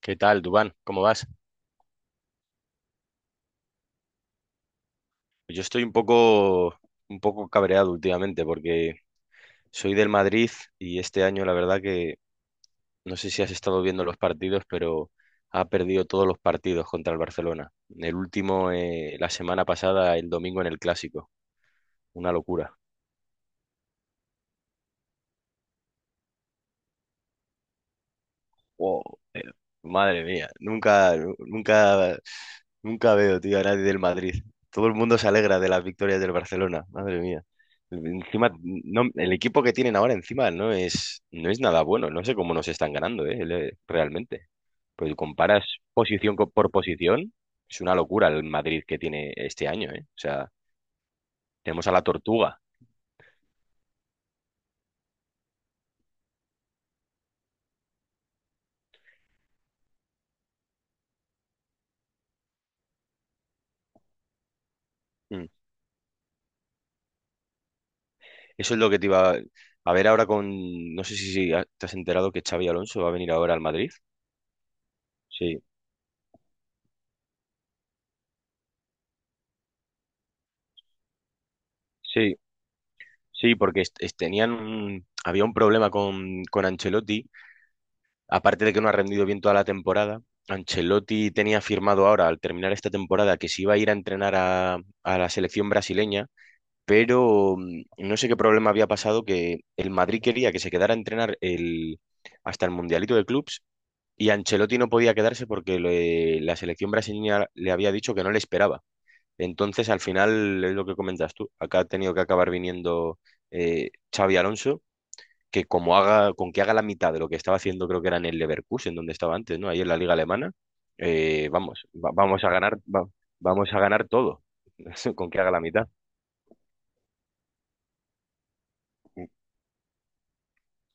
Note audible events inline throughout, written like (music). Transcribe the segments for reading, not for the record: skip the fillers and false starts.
¿Qué tal, Dubán? ¿Cómo vas? Yo estoy un poco cabreado últimamente porque soy del Madrid y este año la verdad que no sé si has estado viendo los partidos, pero ha perdido todos los partidos contra el Barcelona. El último, la semana pasada, el domingo en el Clásico. Una locura. Wow, madre mía, nunca, nu- nunca, nunca veo, tío, a nadie del Madrid. Todo el mundo se alegra de las victorias del Barcelona, madre mía. Encima, no, el equipo que tienen ahora encima no es nada bueno. No sé cómo nos están ganando, realmente. Pues comparas por posición, es una locura el Madrid que tiene este año, eh. O sea, tenemos a la Tortuga. Mm. Eso es lo que te iba a ver ahora con... No sé si te has enterado que Xavi Alonso va a venir ahora al Madrid. Sí. Sí, sí, porque había un problema con Ancelotti, aparte de que no ha rendido bien toda la temporada. Ancelotti tenía firmado ahora, al terminar esta temporada, que se iba a ir a entrenar a la selección brasileña, pero no sé qué problema había pasado, que el Madrid quería que se quedara a entrenar el, hasta el Mundialito de Clubs, y Ancelotti no podía quedarse porque la selección brasileña le había dicho que no le esperaba. Entonces, al final, es lo que comentas tú, acá ha tenido que acabar viniendo Xavi Alonso, que como haga, con que haga la mitad de lo que estaba haciendo, creo que era en el Leverkusen, donde estaba antes, ¿no? Ahí en la liga alemana, vamos, vamos a ganar, vamos a ganar todo, (laughs) con que haga la mitad.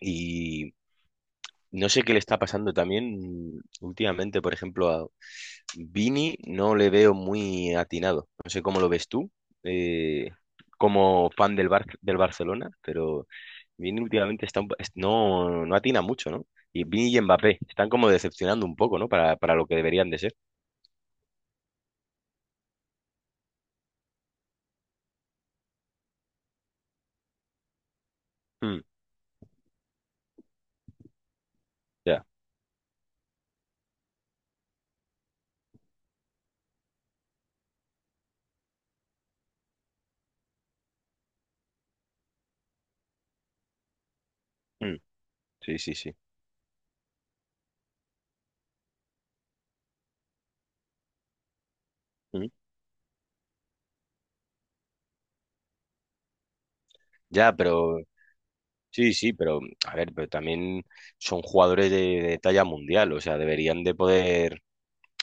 Y no sé qué le está pasando también últimamente. Por ejemplo, Vini no le veo muy atinado. No sé cómo lo ves tú, eh, como fan del Barcelona, pero Vini últimamente está no, no atina mucho, ¿no? Y Vini y Mbappé están como decepcionando un poco, ¿no? Para lo que deberían de ser. Mm, ya. Mm, sí, sí, sí. Mm. Ya, pero sí, sí, pero a ver, pero también son jugadores de talla mundial. O sea, deberían de poder,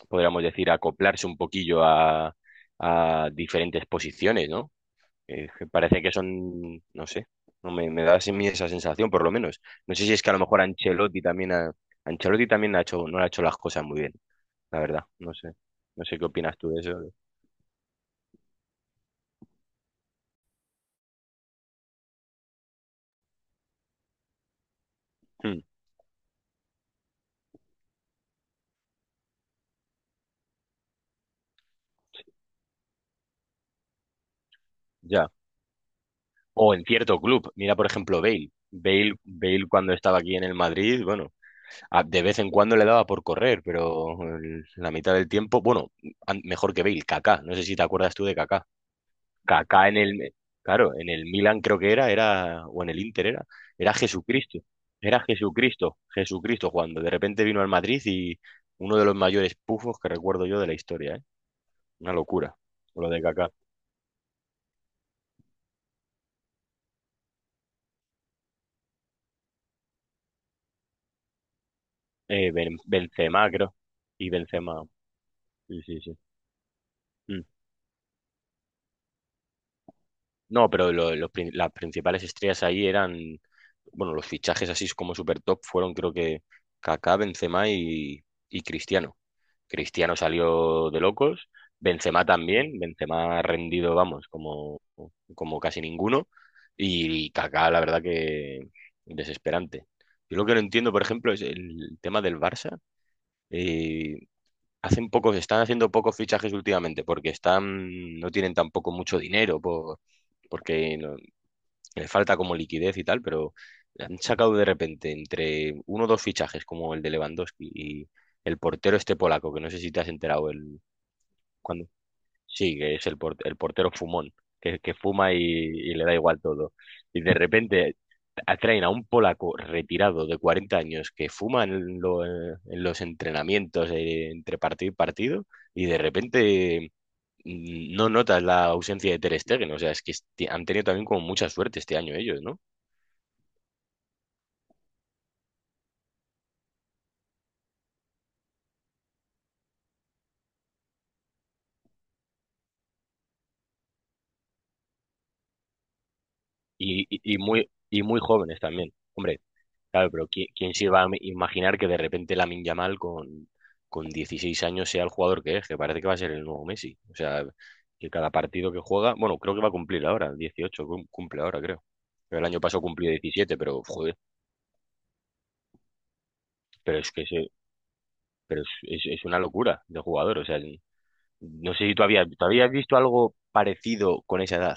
podríamos decir, acoplarse un poquillo a diferentes posiciones, ¿no? Que parece que son, no sé, no me, me da así mi esa sensación, por lo menos. No sé si es que a lo mejor Ancelotti también ha hecho, no ha hecho las cosas muy bien, la verdad. No sé, no sé qué opinas tú de eso. Hmm, ya. O en cierto club, mira por ejemplo Bale. Bale cuando estaba aquí en el Madrid, bueno, de vez en cuando le daba por correr, pero la mitad del tiempo, bueno, mejor que Bale, Kaká. No sé si te acuerdas tú de Kaká. Kaká en el, claro, en el Milan creo que o en el Inter, era, era Jesucristo, era Jesucristo, Jesucristo jugando. De repente vino al Madrid y uno de los mayores pufos que recuerdo yo de la historia, ¿eh? Una locura, lo de Kaká. Benzema, creo, y Benzema, sí, sí, sí. Mm. No, pero las principales estrellas ahí eran, bueno, los fichajes así como super top fueron creo que Kaká, Benzema y Cristiano. Cristiano salió de locos, Benzema también, Benzema ha rendido, vamos, como, como casi ninguno, y Kaká, la verdad, que desesperante. Yo lo que no entiendo, por ejemplo, es el tema del Barça. Eh, están haciendo pocos fichajes últimamente, porque no tienen tampoco mucho dinero, por, porque no- les falta como liquidez y tal, pero han sacado de repente entre uno o dos fichajes, como el de Lewandowski y el portero este polaco, que no sé si te has enterado, cuando sí, que es el, el portero fumón, que fuma y le da igual todo. Y de repente atraen a un polaco retirado de 40 años que fuma en, en los entrenamientos, entre partido y partido, y de repente, no notas la ausencia de Ter Stegen. O sea, es que han tenido también como mucha suerte este año ellos, ¿no? Y muy jóvenes también. Hombre, claro, pero ¿quién se iba a imaginar que de repente Lamine Yamal con 16 años sea el jugador que es? Que parece que va a ser el nuevo Messi. O sea, que cada partido que juega, bueno, creo que va a cumplir ahora 18, cumple ahora, creo. El año pasado cumplió 17, pero joder, pero es que ese- pero es una locura de jugador. O sea, no sé si ¿tú habías visto algo parecido con esa edad?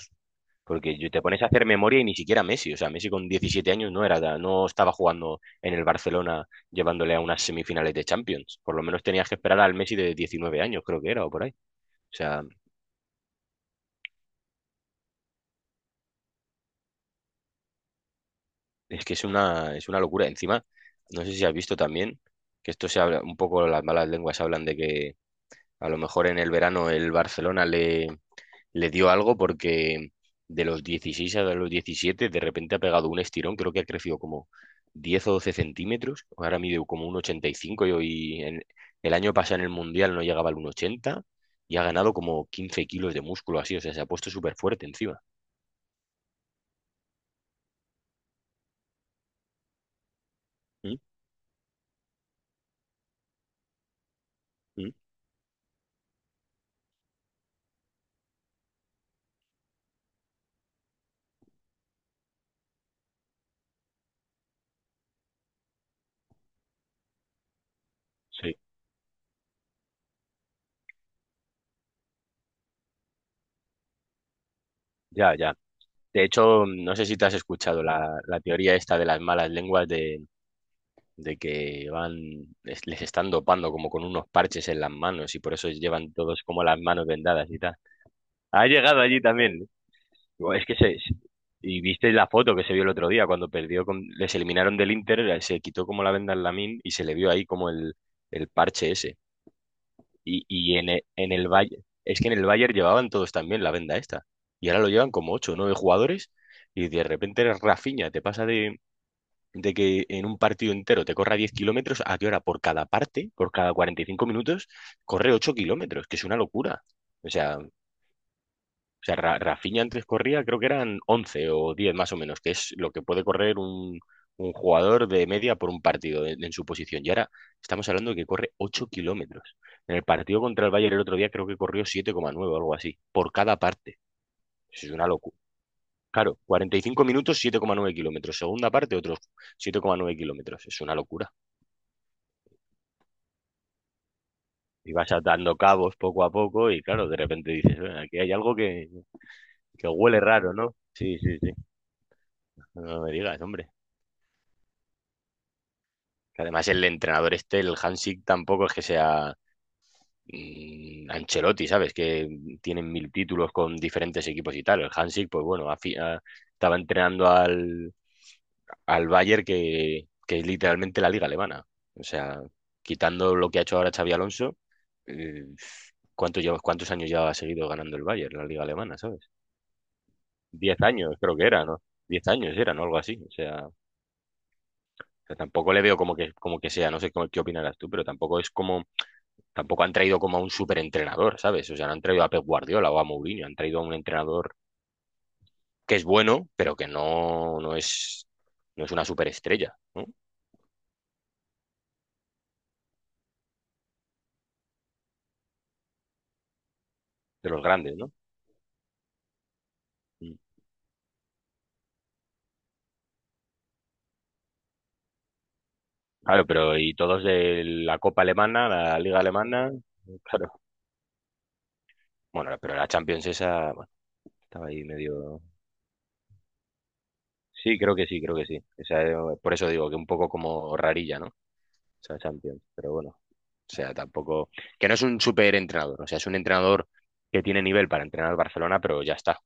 Porque te pones a hacer memoria y ni siquiera Messi. O sea, Messi con 17 años no era, no estaba jugando en el Barcelona llevándole a unas semifinales de Champions. Por lo menos tenías que esperar al Messi de 19 años, creo que era, o por ahí. O sea, es que es una locura. Encima, no sé si has visto también que esto se habla, un poco las malas lenguas hablan de que a lo mejor en el verano el Barcelona le dio algo, porque de los 16 a los 17 de repente ha pegado un estirón, creo que ha crecido como 10 o 12 centímetros, ahora mide como un ochenta y cinco, y el año pasado en el Mundial no llegaba al uno ochenta y ha ganado como 15 kilos de músculo así. O sea, se ha puesto súper fuerte encima. ¿Mm? ¿Mm? Sí, ya, ya. De hecho, no sé si te has escuchado la teoría esta de las malas lenguas de que van, les están dopando como con unos parches en las manos, y por eso llevan todos como las manos vendadas y tal. Ha llegado allí también. Digo, Es que se... se- y viste la foto que se vio el otro día cuando perdió con... Les eliminaron del Inter, se quitó como la venda al Lamine y se le vio ahí como el parche ese. En el Bayern... Es que en el Bayern llevaban todos también la venda esta. Y ahora lo llevan como ocho o 9 jugadores, y de repente eres Rafinha. Te pasa de que en un partido entero te corra 10 kilómetros, a que ahora por cada parte, por cada 45 minutos, corre 8 kilómetros, que es una locura. O sea... O sea, Rafinha antes corría, creo que eran 11 o 10 más o menos, que es lo que puede correr un jugador de media por un partido en su posición. Y ahora estamos hablando de que corre 8 kilómetros. En el partido contra el Bayern el otro día creo que corrió 7,9 o algo así, por cada parte. Eso es una locura. Claro, 45 minutos, 7,9 km. Segunda parte, otros 7,9 km. Es una locura. Y vas atando cabos poco a poco y claro, de repente dices: aquí hay algo que huele raro, ¿no?" Sí, sí, sí. No me digas, hombre. Que además, el entrenador este, el Hansik, tampoco es que sea, mm, Ancelotti, ¿sabes? Que tienen mil títulos con diferentes equipos y tal. El Hansik, pues bueno, estaba entrenando al, al Bayern, que es literalmente la liga alemana. O sea, quitando lo que ha hecho ahora Xavi Alonso, eh, ¿cuántos años ya ha seguido ganando el Bayern la liga alemana, ¿sabes? 10 años, creo que era, ¿no? 10 años era, ¿no? Algo así. O sea, tampoco le veo como que sea, no sé cómo, qué opinarás tú, pero tampoco es como, tampoco han traído como a un superentrenador, ¿sabes? O sea, no han traído a Pep Guardiola o a Mourinho, han traído a un entrenador que es bueno, pero que no, no es, no es una superestrella, ¿no? De los grandes, ¿no? Mm. Claro, pero y todos de la Copa Alemana, la Liga Alemana, claro. Bueno, pero la Champions esa, bueno, estaba ahí medio... Sí, creo que sí, creo que sí. Esa, por eso digo que un poco como rarilla, ¿no? Esa Champions, pero bueno. O sea, tampoco... Que no es un superentrenador. O sea, es un entrenador que tiene nivel para entrenar al Barcelona, pero ya está.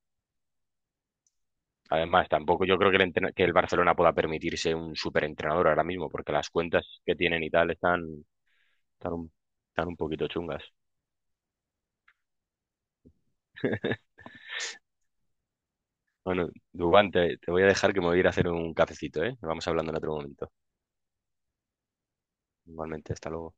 Además, tampoco yo creo que que el Barcelona pueda permitirse un superentrenador ahora mismo, porque las cuentas que tienen y tal están, un, están un poquito chungas. Bueno, Dubán, te voy a dejar que me voy a ir a hacer un cafecito, ¿eh? Vamos hablando en otro momento. Igualmente, hasta luego.